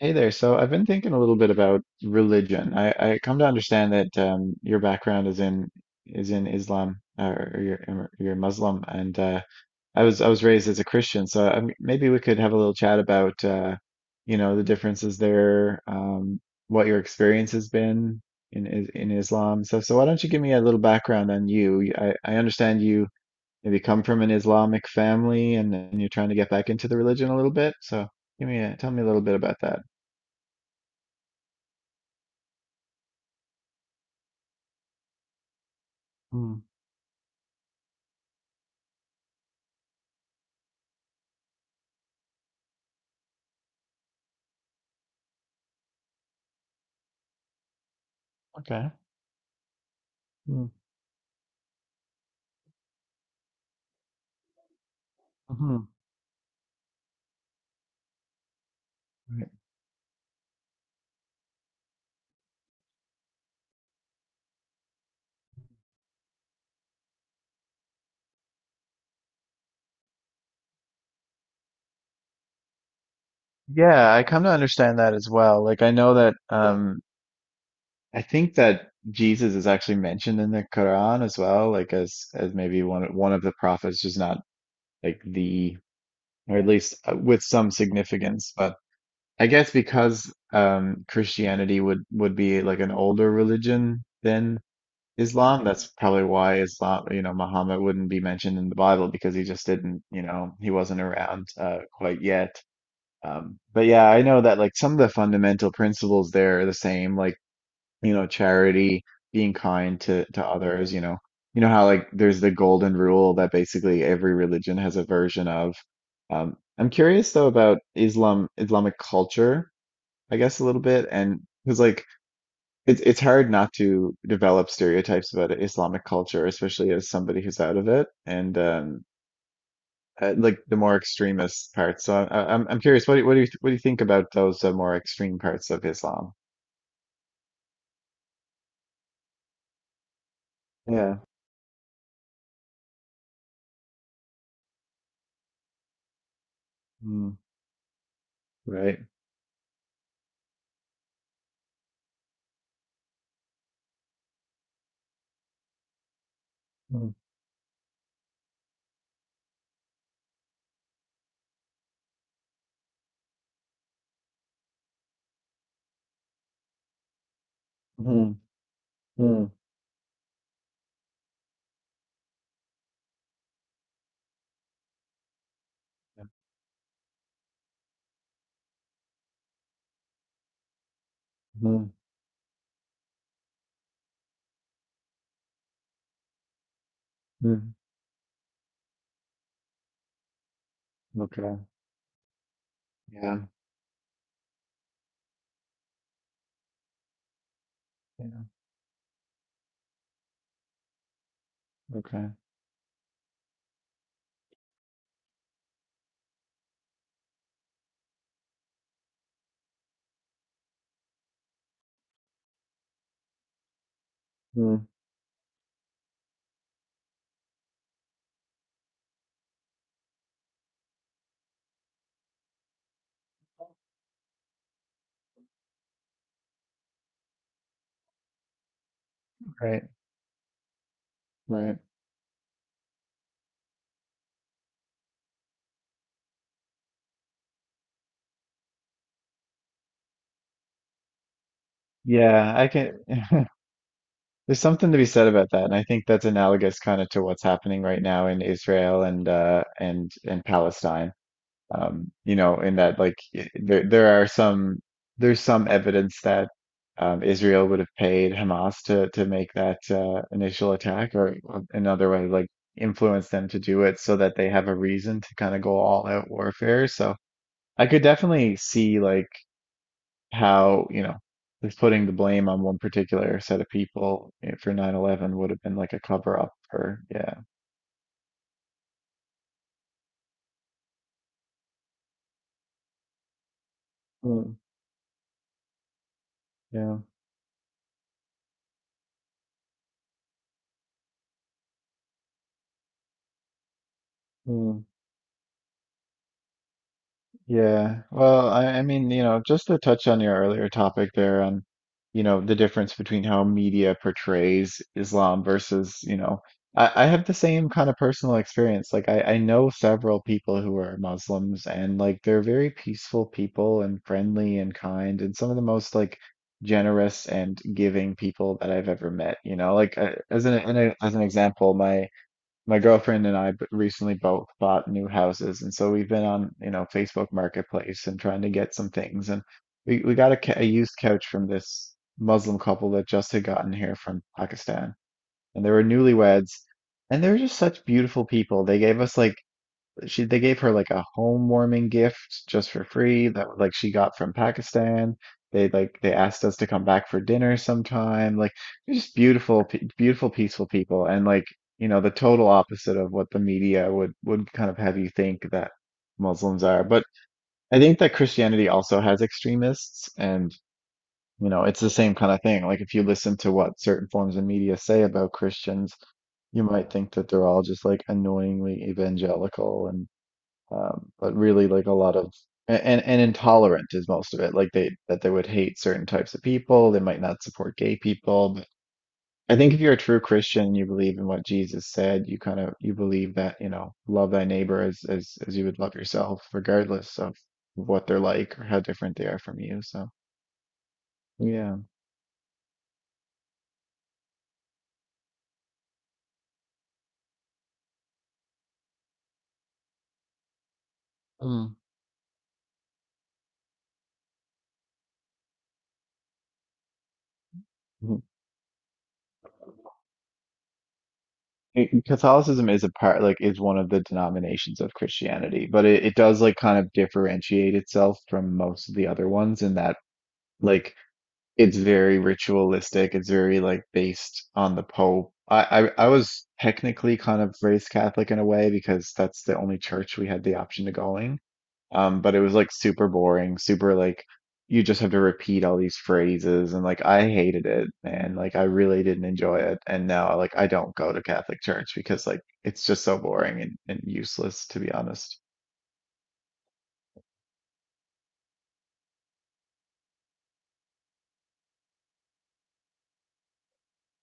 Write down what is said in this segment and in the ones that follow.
Hey there. So I've been thinking a little bit about religion. I come to understand that your background is in Islam, or you're Muslim, and I was raised as a Christian. So maybe we could have a little chat about you know, the differences there, what your experience has been in Islam. So why don't you give me a little background on you? I understand you maybe come from an Islamic family, and you're trying to get back into the religion a little bit. So give me a, tell me a little bit about that. Okay. Mm. Mhm. Right. Yeah, I come to understand that as well. Like I know that I think that Jesus is actually mentioned in the Quran as well, like as maybe one of the prophets, just not like the, or at least with some significance. But I guess because Christianity would be like an older religion than Islam. That's probably why Islam, you know, Muhammad wouldn't be mentioned in the Bible, because he just didn't, you know, he wasn't around quite yet. But yeah, I know that like some of the fundamental principles there are the same, like, you know, charity, being kind to others, you know. You know how like there's the golden rule that basically every religion has a version of. I'm curious though about Islam, Islamic culture, I guess a little bit, and because like it's hard not to develop stereotypes about Islamic culture, especially as somebody who's out of it. And Like the more extremist parts. So I'm curious, what do you, what do you think about those more extreme parts of Islam? Yeah. Mm, right. Mm, mm, mm, yeah, mm, mm. Okay. Yeah. Yeah. Okay. Mm. Right. Right. Yeah, I can. There's something to be said about that, and I think that's analogous kind of to what's happening right now in Israel and and Palestine. You know, in that like there there are some, there's some evidence that Israel would have paid Hamas to make that initial attack, or another way, like influence them to do it so that they have a reason to kind of go all out warfare. So I could definitely see like how, you know, just putting the blame on one particular set of people for 9/11 would have been like a cover up for, yeah. Mm, yeah. Yeah. Well, I mean, you know, just to touch on your earlier topic there on, you know, the difference between how media portrays Islam versus, you know, I have the same kind of personal experience. Like I know several people who are Muslims, and like they're very peaceful people and friendly and kind, and some of the most like generous and giving people that I've ever met, you know, like as an as an example, my girlfriend and I recently both bought new houses, and so we've been on, you know, Facebook Marketplace and trying to get some things. And we got a, a used couch from this Muslim couple that just had gotten here from Pakistan, and they were newlyweds, and they were just such beautiful people. They gave us like she they gave her like a home warming gift just for free that like she got from Pakistan. They like they asked us to come back for dinner sometime. Like they're just beautiful, beautiful, peaceful people, and like, you know, the total opposite of what the media would kind of have you think that Muslims are. But I think that Christianity also has extremists, and you know it's the same kind of thing. Like if you listen to what certain forms of media say about Christians, you might think that they're all just like annoyingly evangelical and but really like a lot of and intolerant is most of it. Like they that they would hate certain types of people. They might not support gay people. But I think if you're a true Christian, you believe in what Jesus said. You kind of you believe that, you know, love thy neighbor as as you would love yourself, regardless of what they're like or how different they are from you. So yeah. Mm. Mhm. It- Catholicism is a part, like, is one of the denominations of Christianity, but it does like kind of differentiate itself from most of the other ones in that. Like it's very ritualistic. It's very like based on the Pope. I was technically kind of raised Catholic in a way, because that's the only church we had the option to going. But it was like super boring, super like you just have to repeat all these phrases, and like I hated it, man. Like I really didn't enjoy it. And now like I don't go to Catholic church, because like it's just so boring and useless, to be honest.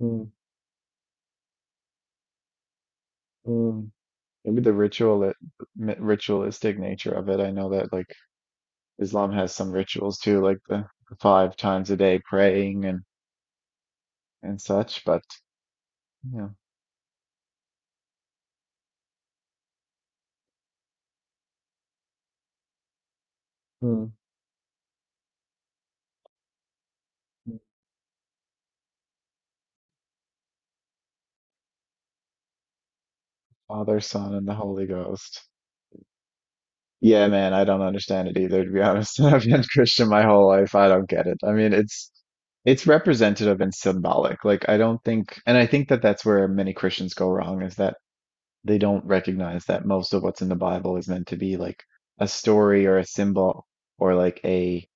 Mm, mm. Maybe the ritualistic nature of it. I know that like Islam has some rituals too, like the five times a day praying and such. But you know, Hmm. Father, Son, and the Holy Ghost. Yeah, man, I don't understand it either, to be honest. I've been Christian my whole life. I don't get it. I mean, it's representative and symbolic. Like I don't think, and I think that that's where many Christians go wrong, is that they don't recognize that most of what's in the Bible is meant to be like a story or a symbol or like a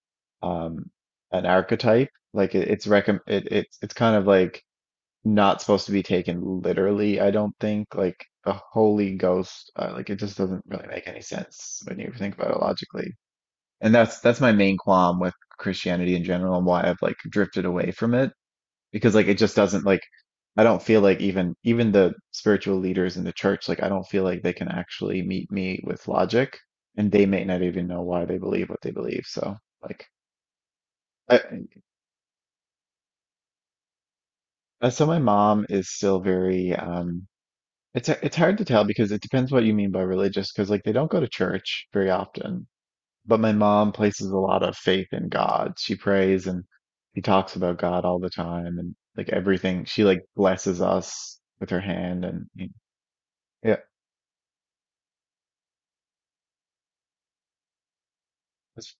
um an archetype. Like it, it's recom it, it's kind of like not supposed to be taken literally, I don't think. Like the Holy Ghost, like it just doesn't really make any sense when you think about it logically. And that's my main qualm with Christianity in general, and why I've like drifted away from it, because like it just doesn't like, I don't feel like even the spiritual leaders in the church, like I don't feel like they can actually meet me with logic, and they may not even know why they believe what they believe. So like I so my mom is still very it's hard to tell, because it depends what you mean by religious, because like they don't go to church very often, but my mom places a lot of faith in God. She prays, and she talks about God all the time, and like everything she like blesses us with her hand and It's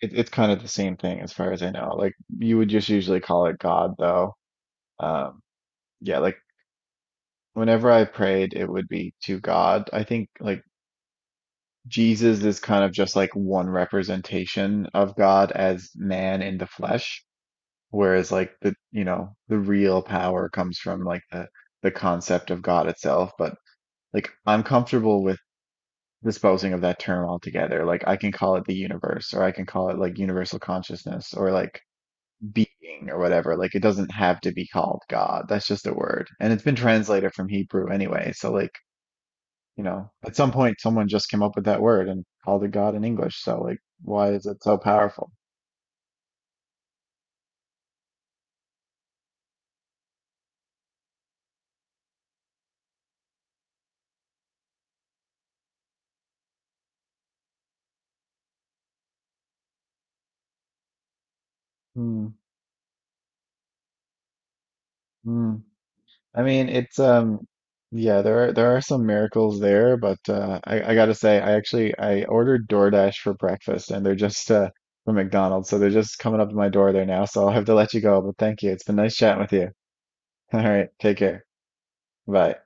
it, it's kind of the same thing as far as I know. Like you would just usually call it God though. Um yeah, like whenever I prayed it would be to God. I think like Jesus is kind of just like one representation of God as man in the flesh, whereas like the, you know, the real power comes from like the concept of God itself. But like I'm comfortable with disposing of that term altogether. Like I can call it the universe, or I can call it like universal consciousness, or like being or whatever. Like it doesn't have to be called God. That's just a word. And it's been translated from Hebrew anyway. So like, you know, at some point someone just came up with that word and called it God in English. So like, why is it so powerful? Hmm. Hmm. I mean, it's yeah, there are some miracles there, but I gotta say, I actually I ordered DoorDash for breakfast, and they're just from McDonald's. So they're just coming up to my door there now. So I'll have to let you go, but thank you. It's been nice chatting with you. All right, take care. Bye.